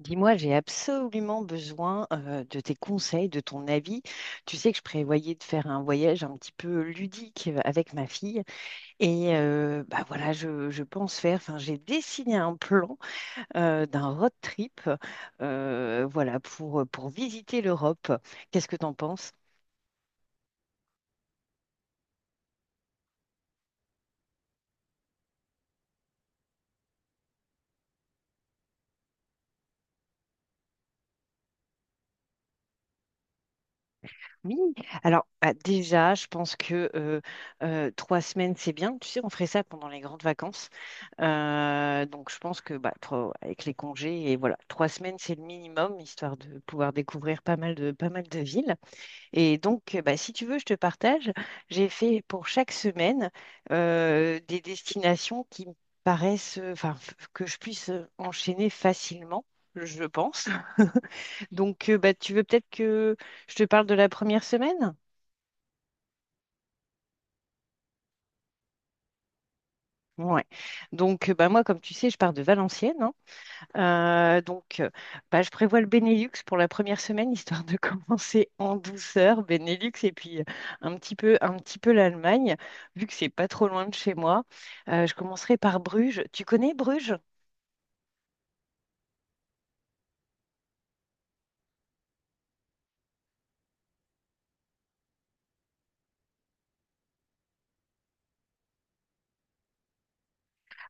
Dis-moi, j'ai absolument besoin de tes conseils, de ton avis. Tu sais que je prévoyais de faire un voyage un petit peu ludique avec ma fille. Et bah voilà, je pense faire, enfin j'ai dessiné un plan d'un road trip voilà, pour visiter l'Europe. Qu'est-ce que t'en penses? Oui, alors bah, déjà, je pense que trois semaines, c'est bien. Tu sais, on ferait ça pendant les grandes vacances. Donc, je pense que bah, ouais, avec les congés, et voilà, 3 semaines, c'est le minimum, histoire de pouvoir découvrir pas mal de villes. Et donc, bah, si tu veux, je te partage. J'ai fait pour chaque semaine des destinations qui me paraissent, enfin, que je puisse enchaîner facilement, je pense. Donc, bah, tu veux peut-être que je te parle de la première semaine? Ouais. Donc, bah, moi, comme tu sais, je pars de Valenciennes, hein. Donc, bah, je prévois le Benelux pour la première semaine, histoire de commencer en douceur, Benelux, et puis un petit peu l'Allemagne, vu que c'est pas trop loin de chez moi. Je commencerai par Bruges. Tu connais Bruges?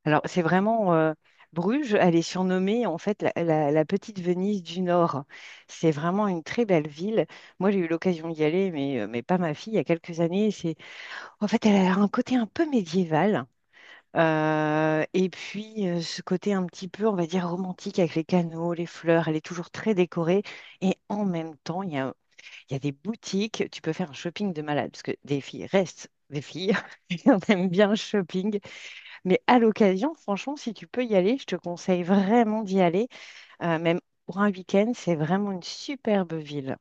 Alors, c'est vraiment Bruges. Elle est surnommée en fait la petite Venise du Nord. C'est vraiment une très belle ville. Moi, j'ai eu l'occasion d'y aller, mais pas ma fille, il y a quelques années. C'est En fait, elle a un côté un peu médiéval. Et puis, ce côté un petit peu, on va dire, romantique avec les canaux, les fleurs. Elle est toujours très décorée. Et en même temps, il y a des boutiques. Tu peux faire un shopping de malade parce que des filles restent des filles. et on aime bien le shopping. Mais à l'occasion, franchement, si tu peux y aller, je te conseille vraiment d'y aller. Même pour un week-end, c'est vraiment une superbe ville.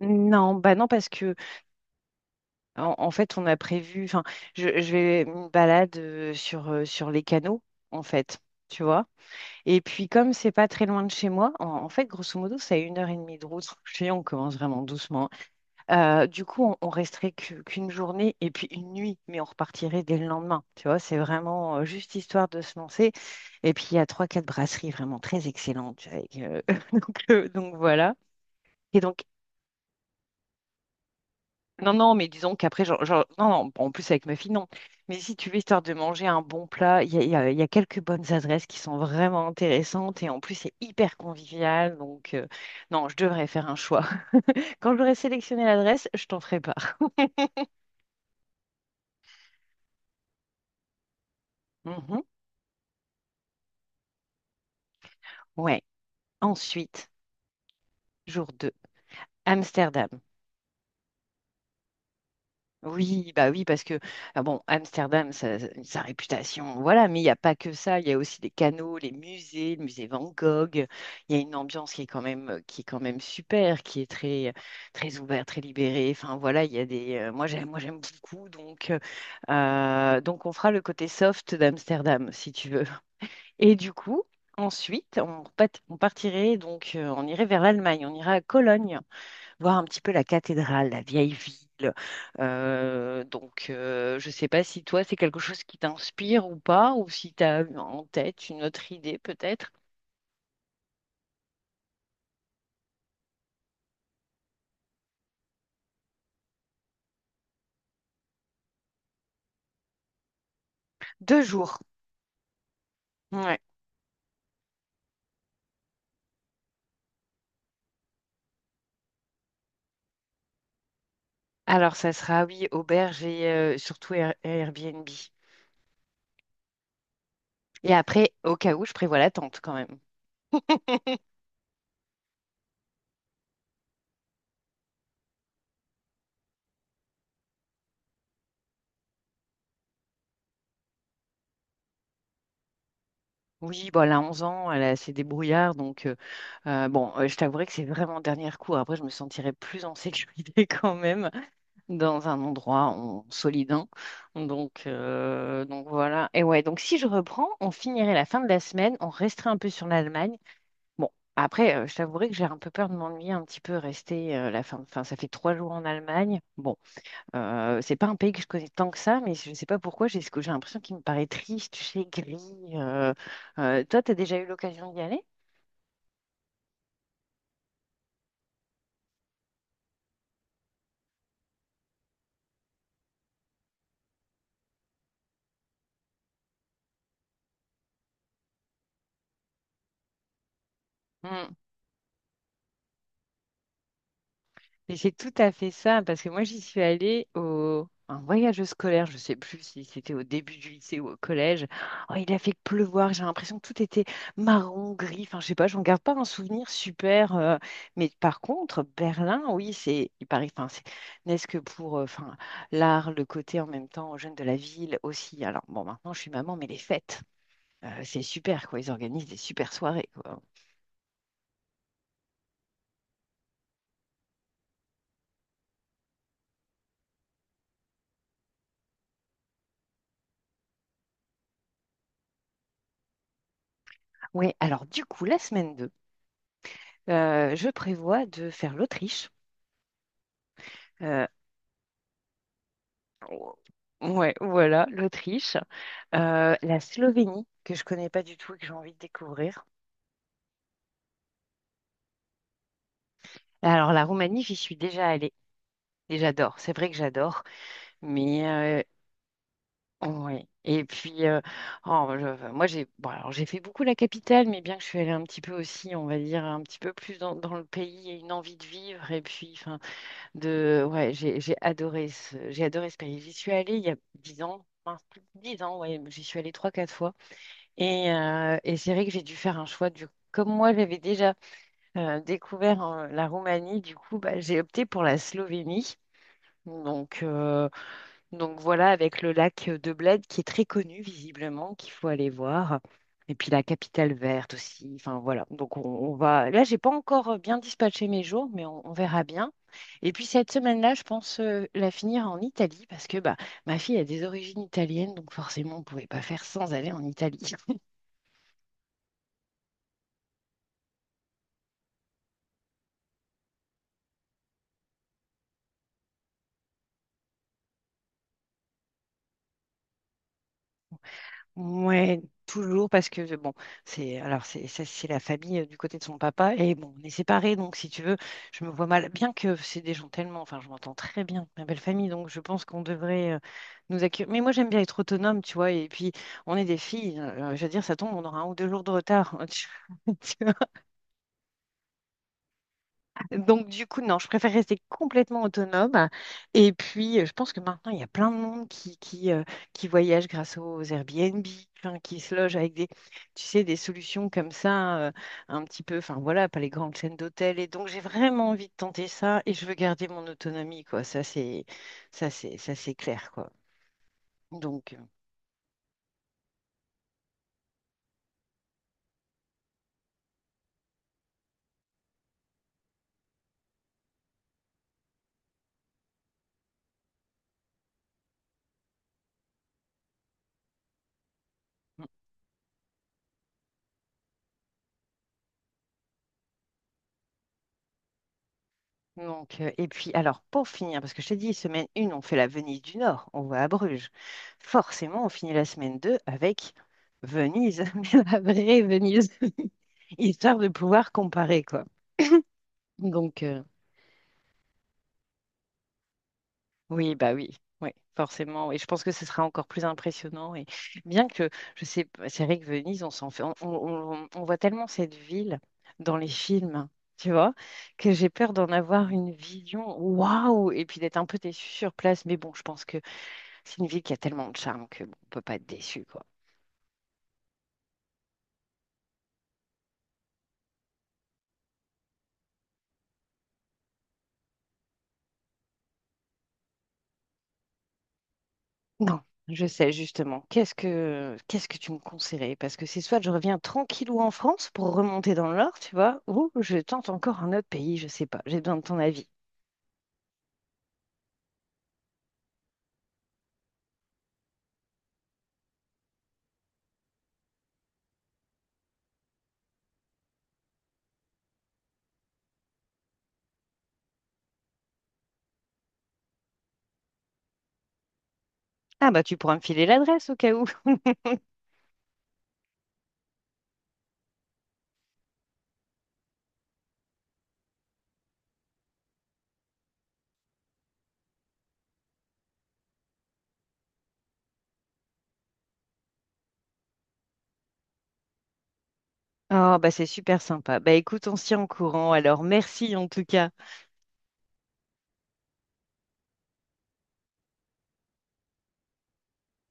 Non, bah non, En fait, on a prévu, enfin, je vais une balade sur les canaux, en fait, tu vois. Et puis, comme c'est pas très loin de chez moi, en fait, grosso modo, c'est à une heure et demie de route. Je sais, on commence vraiment doucement. Du coup, on resterait qu'une journée et puis une nuit, mais on repartirait dès le lendemain, tu vois. C'est vraiment juste histoire de se lancer. Et puis, il y a trois, quatre brasseries vraiment très excellentes avec, voilà. Et donc, Non, non, mais disons qu'après, non, non, en plus avec ma fille, non. Mais si tu veux, histoire de manger un bon plat, il y a, il y a- il y a quelques bonnes adresses qui sont vraiment intéressantes et en plus, c'est hyper convivial. Donc, non, je devrais faire un choix. Quand j'aurai sélectionné l'adresse, je t'en ferai part. Mhm. Ouais. Ensuite, jour 2, Amsterdam. Oui, bah oui, parce que ah bon, Amsterdam, sa réputation, voilà, mais il n'y a pas que ça, il y a aussi les canaux, les musées, le musée Van Gogh, il y a une ambiance qui est quand même super, qui est très, très ouverte, très libérée. Enfin voilà, il y a des. Moi j'aime beaucoup, donc on fera le côté soft d'Amsterdam, si tu veux. Et du coup, ensuite, on partirait, donc on irait vers l'Allemagne, on ira à Cologne voir un petit peu la cathédrale, la vieille ville. Donc, je ne sais pas si toi, c'est quelque chose qui t'inspire ou pas, ou si tu as en tête une autre idée peut-être. 2 jours. Ouais. Alors, ça sera, oui, auberge et surtout Airbnb. Et après, au cas où, je prévois la tente quand même. Oui, bon, elle a 11 ans, elle est assez débrouillarde, donc bon, je t'avouerai que c'est vraiment dernier recours. Après, je me sentirais plus en sécurité quand même, dans un endroit en solidin. Voilà. Et ouais, donc si je reprends, on finirait la fin de la semaine, on resterait un peu sur l'Allemagne. Bon, après, je t'avouerai que j'ai un peu peur de m'ennuyer un petit peu, rester la fin. Enfin, ça fait 3 jours en Allemagne. Bon, c'est pas un pays que je connais tant que ça, mais je ne sais pas pourquoi, j'ai ce que j'ai l'impression qu'il me paraît triste, tu sais, gris. euh. Toi, tu as déjà eu l'occasion d'y aller? Mais c'est tout à fait ça, parce que moi j'y suis allée au un voyage scolaire, je sais plus si c'était au début du lycée ou au collège. Oh, il a fait pleuvoir, j'ai l'impression que tout était marron, gris, enfin je sais pas, j'en garde pas un souvenir super. Mais par contre, Berlin, oui, c'est, il paraît, enfin c'est, n'est-ce que pour, enfin l'art, le côté en même temps jeune de la ville aussi. Alors bon, maintenant je suis maman, mais les fêtes, c'est super quoi, ils organisent des super soirées quoi. Oui, alors du coup la semaine 2, je prévois de faire l'Autriche. Euh, oh, ouais, voilà, l'Autriche. La Slovénie, que je connais pas du tout et que j'ai envie de découvrir. Alors, la Roumanie, j'y suis déjà allée et j'adore. C'est vrai que j'adore, mais oh, ouais. Et puis, oh, enfin, moi, j'ai bon, alors, j'ai fait beaucoup la capitale, mais bien que je suis allée un petit peu aussi, on va dire, un petit peu plus dans le pays et une envie de vivre. Et puis, enfin, ouais, j'ai adoré j'ai adoré ce pays. J'y suis allée il y a 10 ans, enfin, plus de 10 ans, ouais, j'y suis allée trois quatre fois. Et c'est vrai que j'ai dû faire un choix du. Comme moi, j'avais déjà découvert la Roumanie, du coup, bah, j'ai opté pour la Slovénie. Donc, euh, voilà, avec le lac de Bled qui est très connu, visiblement, qu'il faut aller voir. Et puis la capitale verte aussi. Enfin voilà. Donc on va. Là, j'ai pas encore bien dispatché mes jours, mais on verra bien. Et puis cette semaine-là, je pense la finir en Italie parce que bah, ma fille a des origines italiennes, donc forcément, on pouvait pas faire sans aller en Italie. Ouais, toujours parce que bon, c'est ça, c'est la famille du côté de son papa. Et bon, on est séparés, donc si tu veux, je me vois mal, bien que c'est des gens tellement, enfin je m'entends très bien avec ma belle famille, donc je pense qu'on devrait nous accueillir. Mais moi j'aime bien être autonome, tu vois. Et puis on est des filles, je veux dire ça tombe, on aura 1 ou 2 jours de retard. Tu vois. Donc, du coup, non, je préfère rester complètement autonome. Et puis, je pense que maintenant, il y a plein de monde qui voyage grâce aux Airbnb, enfin, qui se loge avec des, tu sais, des solutions comme ça, un petit peu, enfin voilà, pas les grandes chaînes d'hôtels. Et donc, j'ai vraiment envie de tenter ça et je veux garder mon autonomie, quoi. Ça, c'est clair, quoi. Donc, euh, et puis, alors, pour finir, parce que je t'ai dit, semaine 1, on fait la Venise du Nord, on va à Bruges. Forcément, on finit la semaine 2 avec Venise, mais la vraie Venise, histoire de pouvoir comparer, quoi. Donc, euh, Oui, bah oui, oui, forcément. Et je pense que ce sera encore plus impressionnant. Et bien que, je sais pas, c'est vrai que Venise, on s'en fait, on voit tellement cette ville dans les films, tu vois, que j'ai peur d'en avoir une vision waouh, et puis d'être un peu déçue sur place. Mais bon, je pense que c'est une ville qui a tellement de charme que bon, on peut pas être déçu, quoi. Non, je sais justement. Qu'est-ce que tu me conseillerais? Parce que c'est soit je reviens tranquillou en France pour remonter dans le Nord, tu vois, ou je tente encore un autre pays, je sais pas. J'ai besoin de ton avis. Ah bah tu pourras me filer l'adresse au cas où. Oh bah c'est super sympa. Bah écoute, on se tient au courant. Alors merci en tout cas.